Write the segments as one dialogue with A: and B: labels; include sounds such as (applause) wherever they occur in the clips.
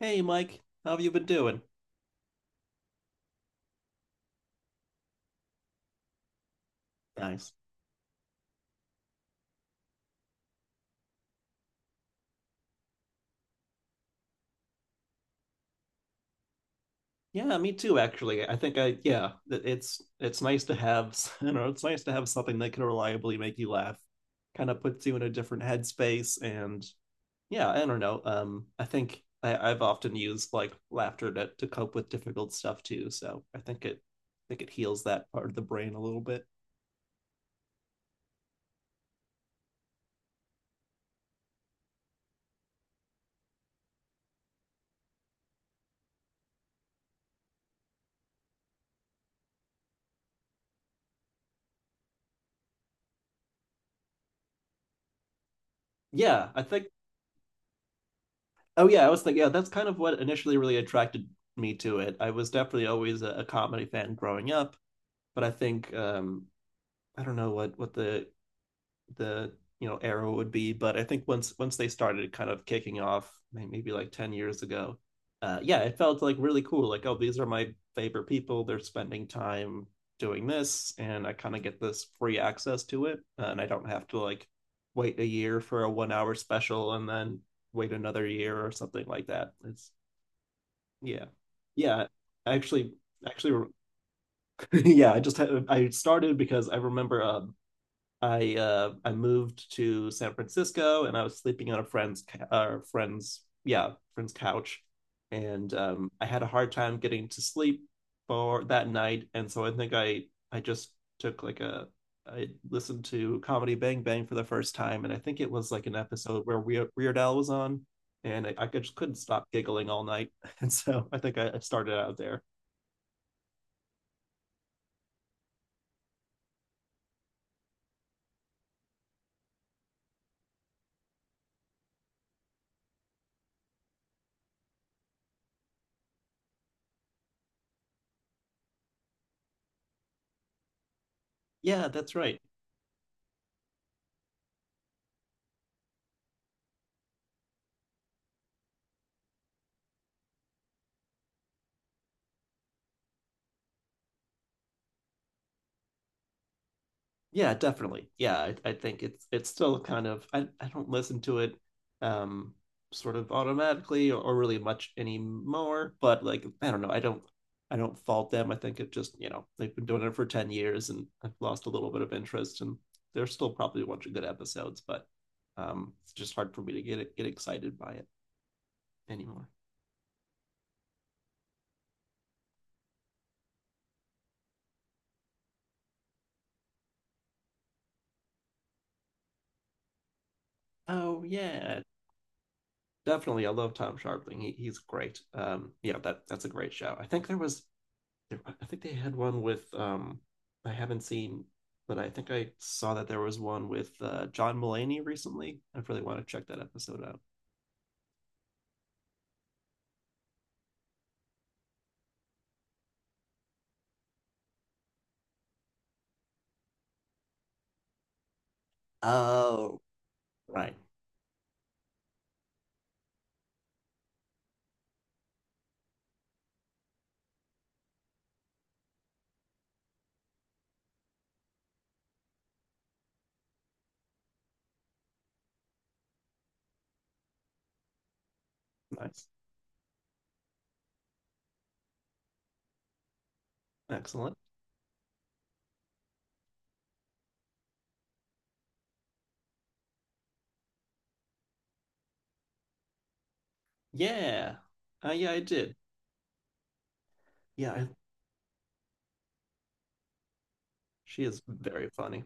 A: Hey, Mike, how have you been doing? Nice. Yeah, me too, actually. I think it's nice to have, (laughs) it's nice to have something that can reliably make you laugh. Kind of puts you in a different headspace, and yeah, I don't know. I've often used like laughter to cope with difficult stuff too, so I think it heals that part of the brain a little bit. Yeah, I think. Oh yeah, I was thinking. Yeah, that's kind of what initially really attracted me to it. I was definitely always a comedy fan growing up, but I think I don't know what the the era would be, but I think once they started kind of kicking off, maybe like 10 years ago. Yeah, it felt like really cool. Like, oh, these are my favorite people. They're spending time doing this, and I kind of get this free access to it, and I don't have to like wait a year for a 1 hour special and then wait another year or something like that. It's yeah, yeah. Actually, actually, (laughs) yeah. I started because I remember I moved to San Francisco and I was sleeping on a friend's friend's couch, and I had a hard time getting to sleep for that night, and so I think I just took like a I listened to Comedy Bang Bang for the first time, and I think it was like an episode where Weird Al was on, and I just couldn't stop giggling all night. (laughs) And I started out there. Yeah, that's right. Yeah, definitely. Yeah, I think it's still kind of, I don't listen to it um sort of automatically, or really much anymore, but like I don't know. I don't fault them. I think it just, you know, they've been doing it for 10 years, and I've lost a little bit of interest, and there's still probably a bunch of good episodes, but it's just hard for me to get excited by it anymore. Oh yeah, definitely. I love Tom Sharpling. He's great. Yeah, that that's a great show. I think they had one with I haven't seen, but I think I saw that there was one with John Mulaney recently. I really want to check that episode out. Oh, right. Nice. Excellent. Yeah. Yeah, I did. Yeah, she is very funny.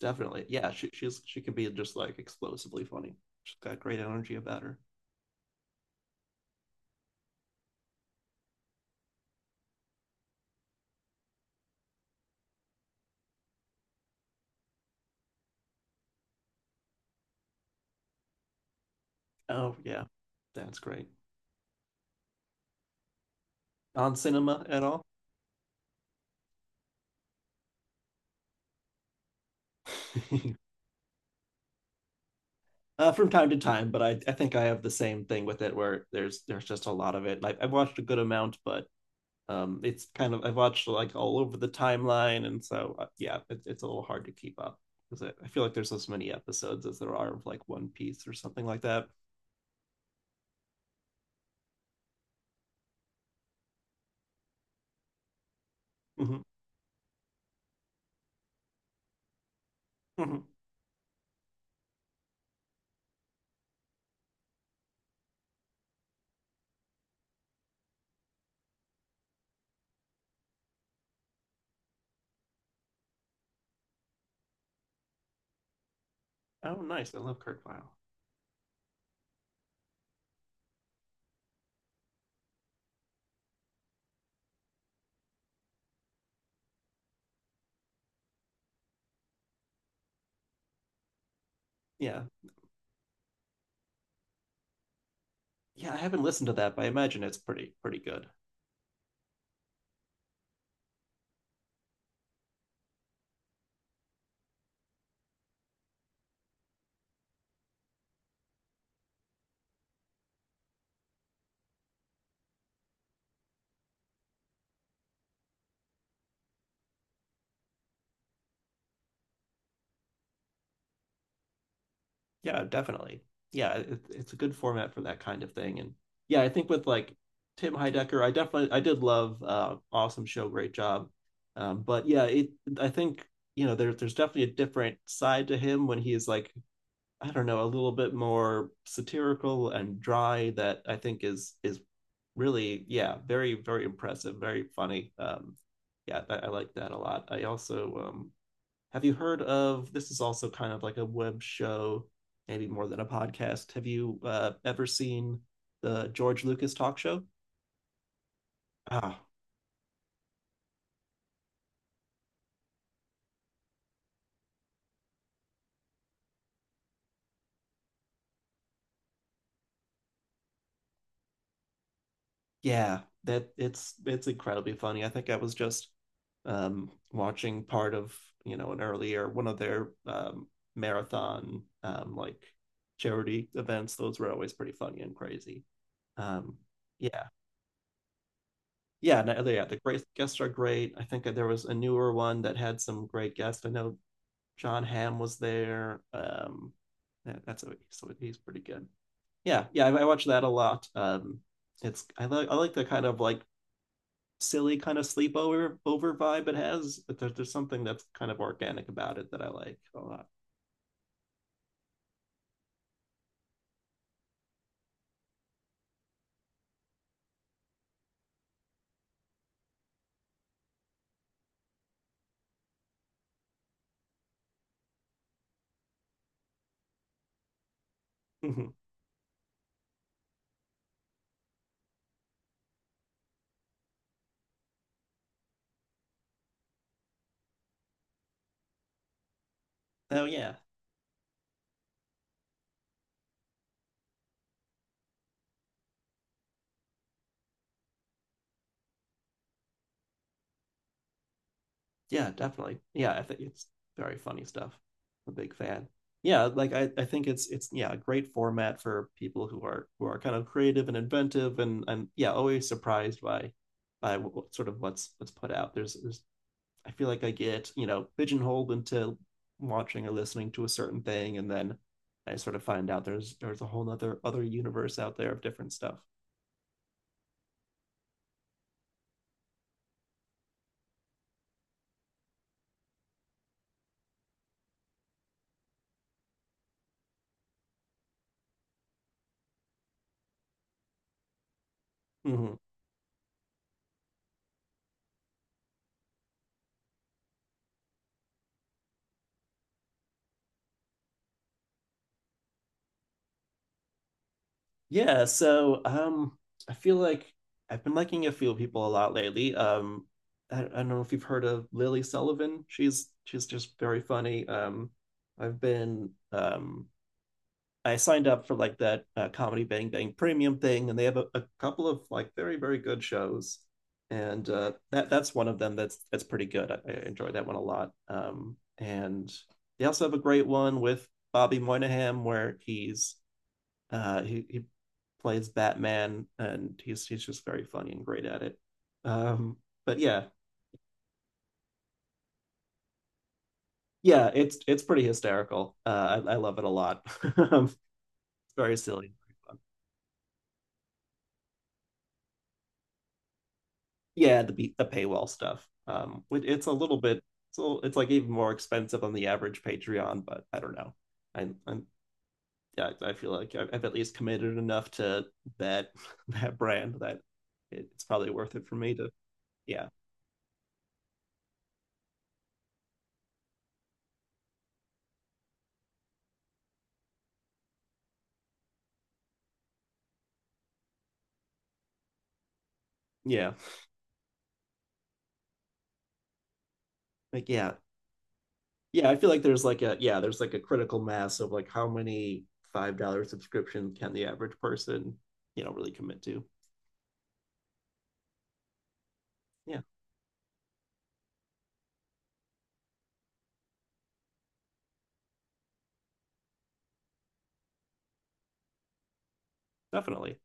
A: Definitely. Yeah, she can be just like explosively funny. She's got great energy about her. Oh yeah, that's great. On Cinema at all? (laughs) From time to time, but I think I have the same thing with it where there's just a lot of it. Like I've watched a good amount, but it's kind of, I've watched like all over the timeline, and so yeah, it's a little hard to keep up because I feel like there's as many episodes as there are of like One Piece or something like that. Hmm. Hmm. Oh, nice! I love Kurt Vile. Yeah, yeah. I haven't listened to that, but I imagine it's pretty pretty good. Yeah, definitely. Yeah, it's a good format for that kind of thing. And yeah, I think with like Tim Heidecker, I did love awesome show, great job. But yeah, it I think, you know, there's definitely a different side to him when he is like, I don't know, a little bit more satirical and dry, that I think is really, yeah, very impressive, very funny. Yeah, I like that a lot. I also, have you heard of this? Is also kind of like a web show, maybe more than a podcast. Have you ever seen the George Lucas talk show? Ah, yeah, that it's incredibly funny. I think I was just watching part of, you know, an earlier one of their marathon like charity events. Those were always pretty funny and crazy. Um, yeah, yeah, no, yeah. The great guests are great. I think that there was a newer one that had some great guests. I know John Hamm was there. That's a, so he's pretty good. Yeah, yeah, I watch that a lot. It's I like the kind of like silly kind of sleepover over vibe it has. But there's something that's kind of organic about it that I like a lot. Mhm. Oh yeah, yeah, definitely. Yeah, I think it's very funny stuff. I'm a big fan. Yeah, like I think it's yeah, a great format for people who are kind of creative and inventive, and yeah, always surprised by sort of what's put out. There's I feel like I get, you know, pigeonholed into watching or listening to a certain thing, and then I sort of find out there's a whole other universe out there of different stuff. Hmm. Yeah, so I feel like I've been liking a few people a lot lately. I don't know if you've heard of Lily Sullivan. She's just very funny. I've been um, I signed up for like that Comedy Bang Bang Premium thing, and they have a couple of like very good shows, and that that's one of them that's pretty good. I enjoy that one a lot. And they also have a great one with Bobby Moynihan where he plays Batman, and he's just very funny and great at it. Um, but yeah, yeah, it's pretty hysterical. I love it a lot. (laughs) It's very silly, very fun. Yeah, the paywall stuff. It's a little bit, so it's like even more expensive on the average Patreon, but I don't know. I'm yeah, I feel like I've at least committed enough to that (laughs) that brand, that it's probably worth it for me to yeah. Yeah, like yeah. Yeah, I feel like there's like a yeah, there's like a critical mass of like how many $5 subscription can the average person, you know, really commit to. Yeah, definitely.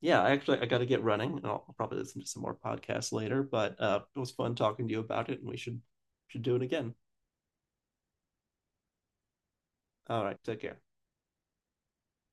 A: Yeah, I got to get running, and I'll probably listen to some more podcasts later, but it was fun talking to you about it, and we should do it again. All right, take care.